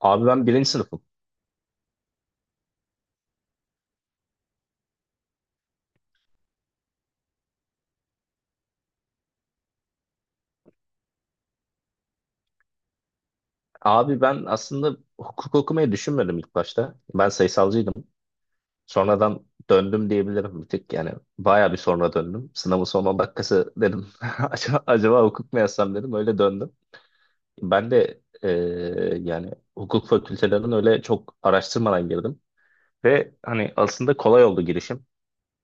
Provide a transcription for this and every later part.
Abi ben birinci sınıfım. Abi ben aslında hukuk okumayı düşünmedim ilk başta. Ben sayısalcıydım. Sonradan döndüm diyebilirim bir tık. Yani bayağı bir sonra döndüm. Sınavın son 10 dakikası dedim. Acaba, hukuk mu yazsam dedim. Öyle döndüm. Ben de yani hukuk fakültelerinin öyle çok araştırmadan girdim. Ve hani aslında kolay oldu girişim.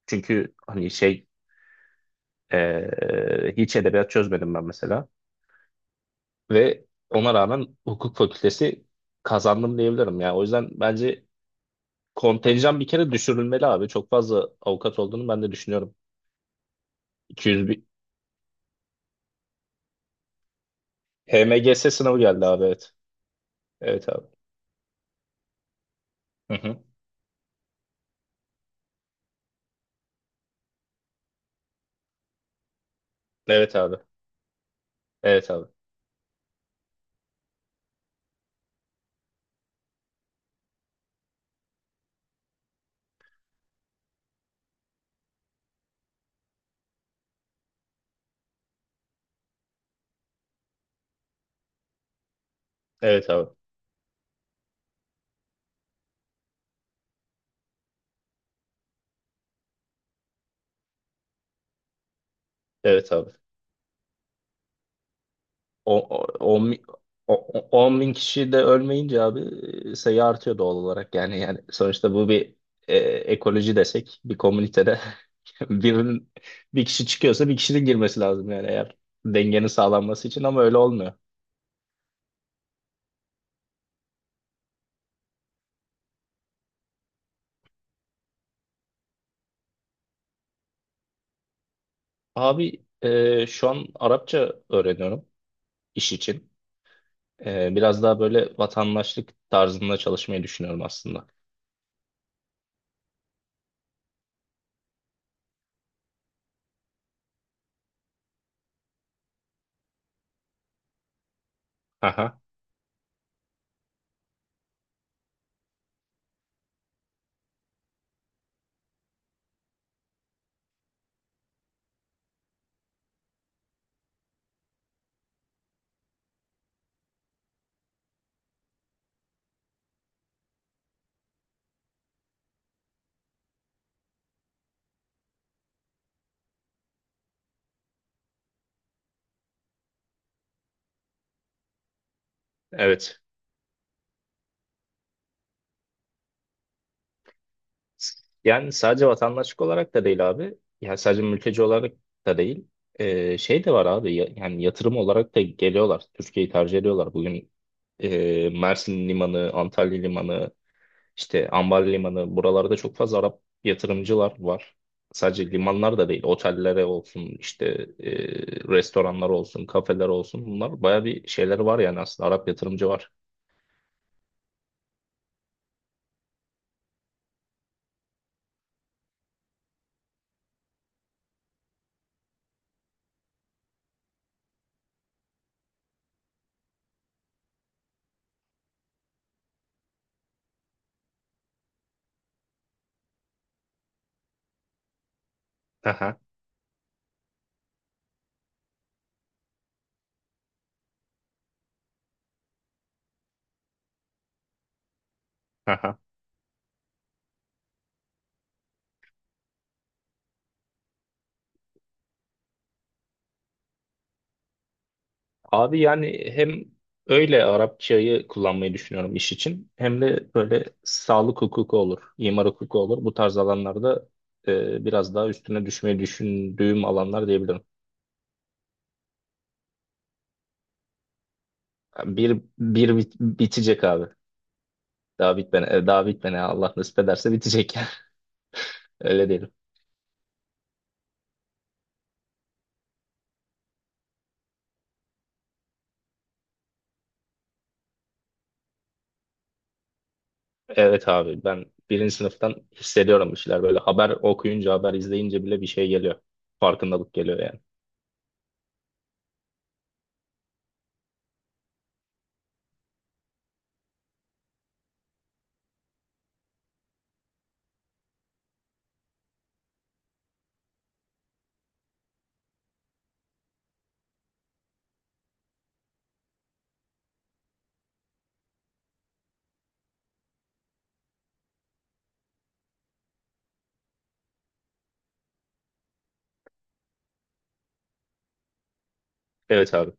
Çünkü hani hiç edebiyat çözmedim ben mesela. Ve ona rağmen hukuk fakültesi kazandım diyebilirim ya. O yüzden bence kontenjan bir kere düşürülmeli abi. Çok fazla avukat olduğunu ben de düşünüyorum. 200 bir HMGS sınavı geldi abi, evet. Evet abi. Hı hı. Evet abi. Evet abi. Evet abi. Evet abi. 10, 10, bin kişi de ölmeyince abi sayı artıyor doğal olarak. Yani sonuçta bu bir ekoloji desek, bir komünitede birinin bir kişi çıkıyorsa bir kişinin girmesi lazım yani, eğer dengenin sağlanması için, ama öyle olmuyor. Abi şu an Arapça öğreniyorum iş için. E, biraz daha böyle vatandaşlık tarzında çalışmayı düşünüyorum aslında. Aha, evet. Yani sadece vatandaşlık olarak da değil abi. Yani sadece mülteci olarak da değil. Şey de var abi, yani yatırım olarak da geliyorlar. Türkiye'yi tercih ediyorlar. Bugün Mersin Limanı, Antalya Limanı, işte Ambar Limanı, buralarda çok fazla Arap yatırımcılar var. Sadece limanlar da değil. Otellere olsun, işte e, restoranlar olsun, kafeler olsun. Bunlar baya bir şeyleri var yani aslında. Arap yatırımcı var. Aha, aha. Abi yani hem öyle Arapçayı kullanmayı düşünüyorum iş için, hem de böyle sağlık hukuku olur, imar hukuku olur. Bu tarz alanlarda biraz daha üstüne düşmeyi düşündüğüm alanlar diyebilirim. Bitecek abi. Daha bitmene, daha bitmene Allah nasip ederse bitecek yani. Öyle diyelim. Evet abi, ben birinci sınıftan hissediyorum bir şeyler, böyle haber okuyunca, haber izleyince bile bir şey geliyor. Farkındalık geliyor yani. Evet abi.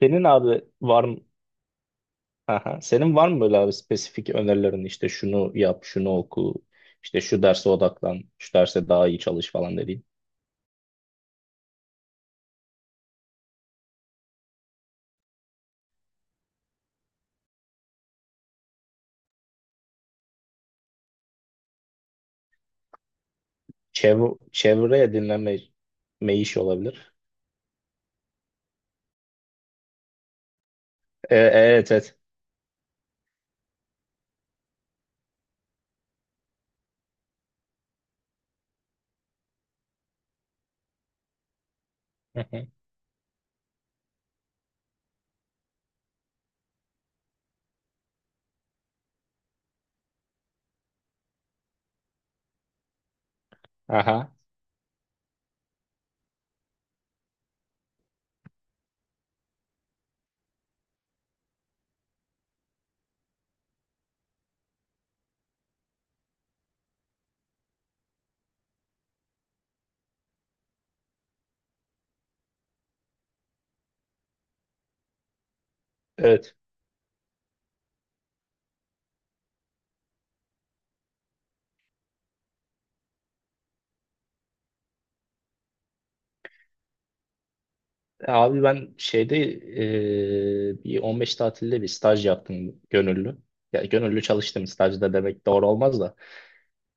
Senin abi var mı? Aha. Senin var mı böyle abi spesifik önerilerin, işte şunu yap, şunu oku, işte şu derse odaklan, şu derse daha iyi çalış falan dediğin. Çevreye dinleme me iş olabilir. Evet, evet. Hı hı. Aha. Evet. Abi ben şeyde bir 15 tatilde bir staj yaptım gönüllü. Ya gönüllü çalıştım stajda demek doğru olmaz da.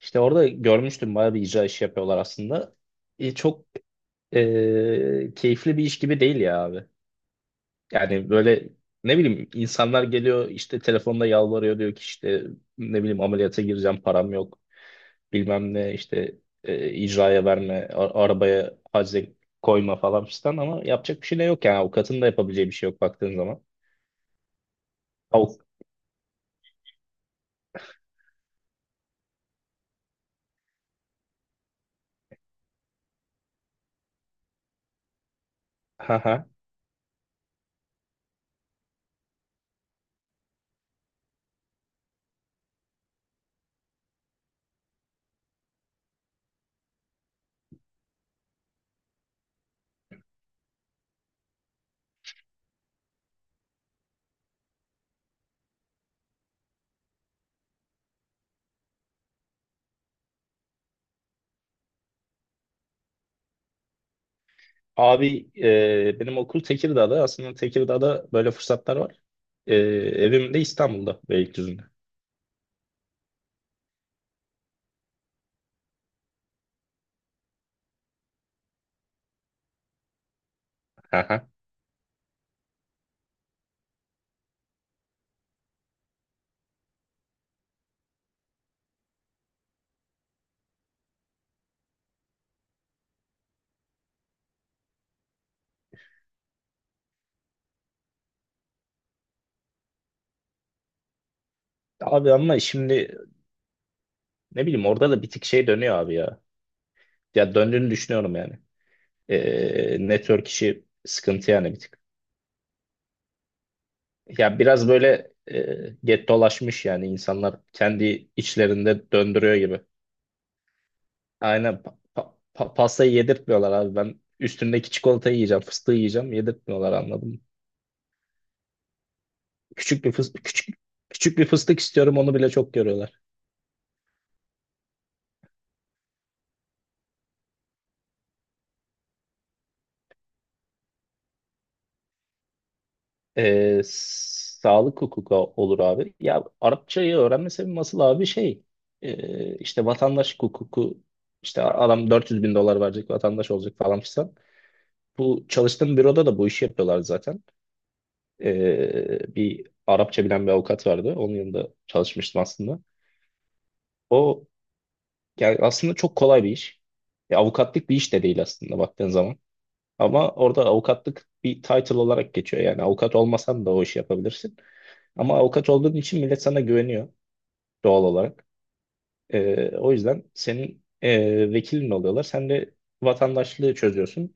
İşte orada görmüştüm, bayağı bir icra işi yapıyorlar aslında. E, çok keyifli bir iş gibi değil ya abi. Yani böyle ne bileyim, insanlar geliyor, işte telefonda yalvarıyor, diyor ki işte ne bileyim ameliyata gireceğim, param yok, bilmem ne işte, icraya verme, arabaya hacze koyma falan fistan, ama yapacak bir şey de yok yani, avukatın da yapabileceği bir şey yok baktığın zaman. Avuk ha ha. Abi benim okul Tekirdağ'da, aslında Tekirdağ'da böyle fırsatlar var. E, evim de İstanbul'da, Beylikdüzü'nde. Ha ha. Abi ama şimdi, ne bileyim orada da bir tık şey dönüyor abi ya. Ya döndüğünü düşünüyorum yani. Network işi sıkıntı yani bir tık. Ya biraz böyle get dolaşmış yani, insanlar kendi içlerinde döndürüyor gibi. Aynen, pastayı yedirtmiyorlar abi. Ben üstündeki çikolatayı yiyeceğim, fıstığı yiyeceğim, yedirtmiyorlar, anladım. Küçük bir fıstık, küçük bir fıstık istiyorum, onu bile çok görüyorlar. Sağlık hukuku olur abi. Ya Arapçayı öğrenme sebebi nasıl abi, işte vatandaş hukuku, işte adam 400 bin dolar verecek, vatandaş olacak falan filan. Bu çalıştığım büroda da bu işi yapıyorlar zaten. Bir Arapça bilen bir avukat vardı. Onun yanında çalışmıştım aslında. O, yani aslında çok kolay bir iş. Ya avukatlık bir iş de değil aslında baktığın zaman. Ama orada avukatlık bir title olarak geçiyor. Yani avukat olmasan da o işi yapabilirsin. Ama avukat olduğun için millet sana güveniyor doğal olarak. O yüzden senin vekilin oluyorlar. Sen de vatandaşlığı çözüyorsun.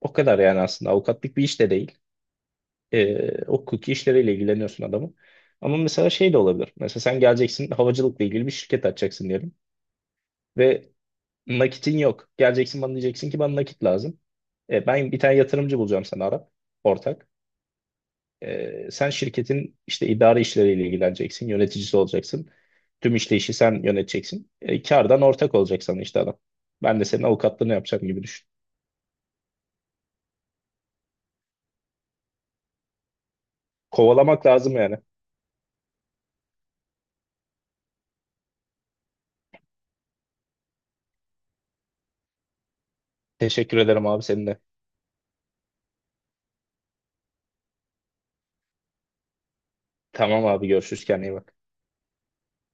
O kadar, yani aslında avukatlık bir iş de değil. Hukuki işleriyle ilgileniyorsun adamın. Ama mesela şey de olabilir. Mesela sen geleceksin, havacılıkla ilgili bir şirket açacaksın diyelim. Ve nakitin yok. Geleceksin bana, diyeceksin ki bana nakit lazım. Ben bir tane yatırımcı bulacağım sana, Arap ortak. Sen şirketin işte idari işleriyle ilgileneceksin, yöneticisi olacaksın. Tüm işleyişi sen yöneteceksin. Kardan ortak olacak sana işte adam. Ben de senin avukatlığını yapacağım gibi düşün. Kovalamak lazım yani. Teşekkür ederim abi seninle. Tamam abi, görüşürüz, kendine iyi bak.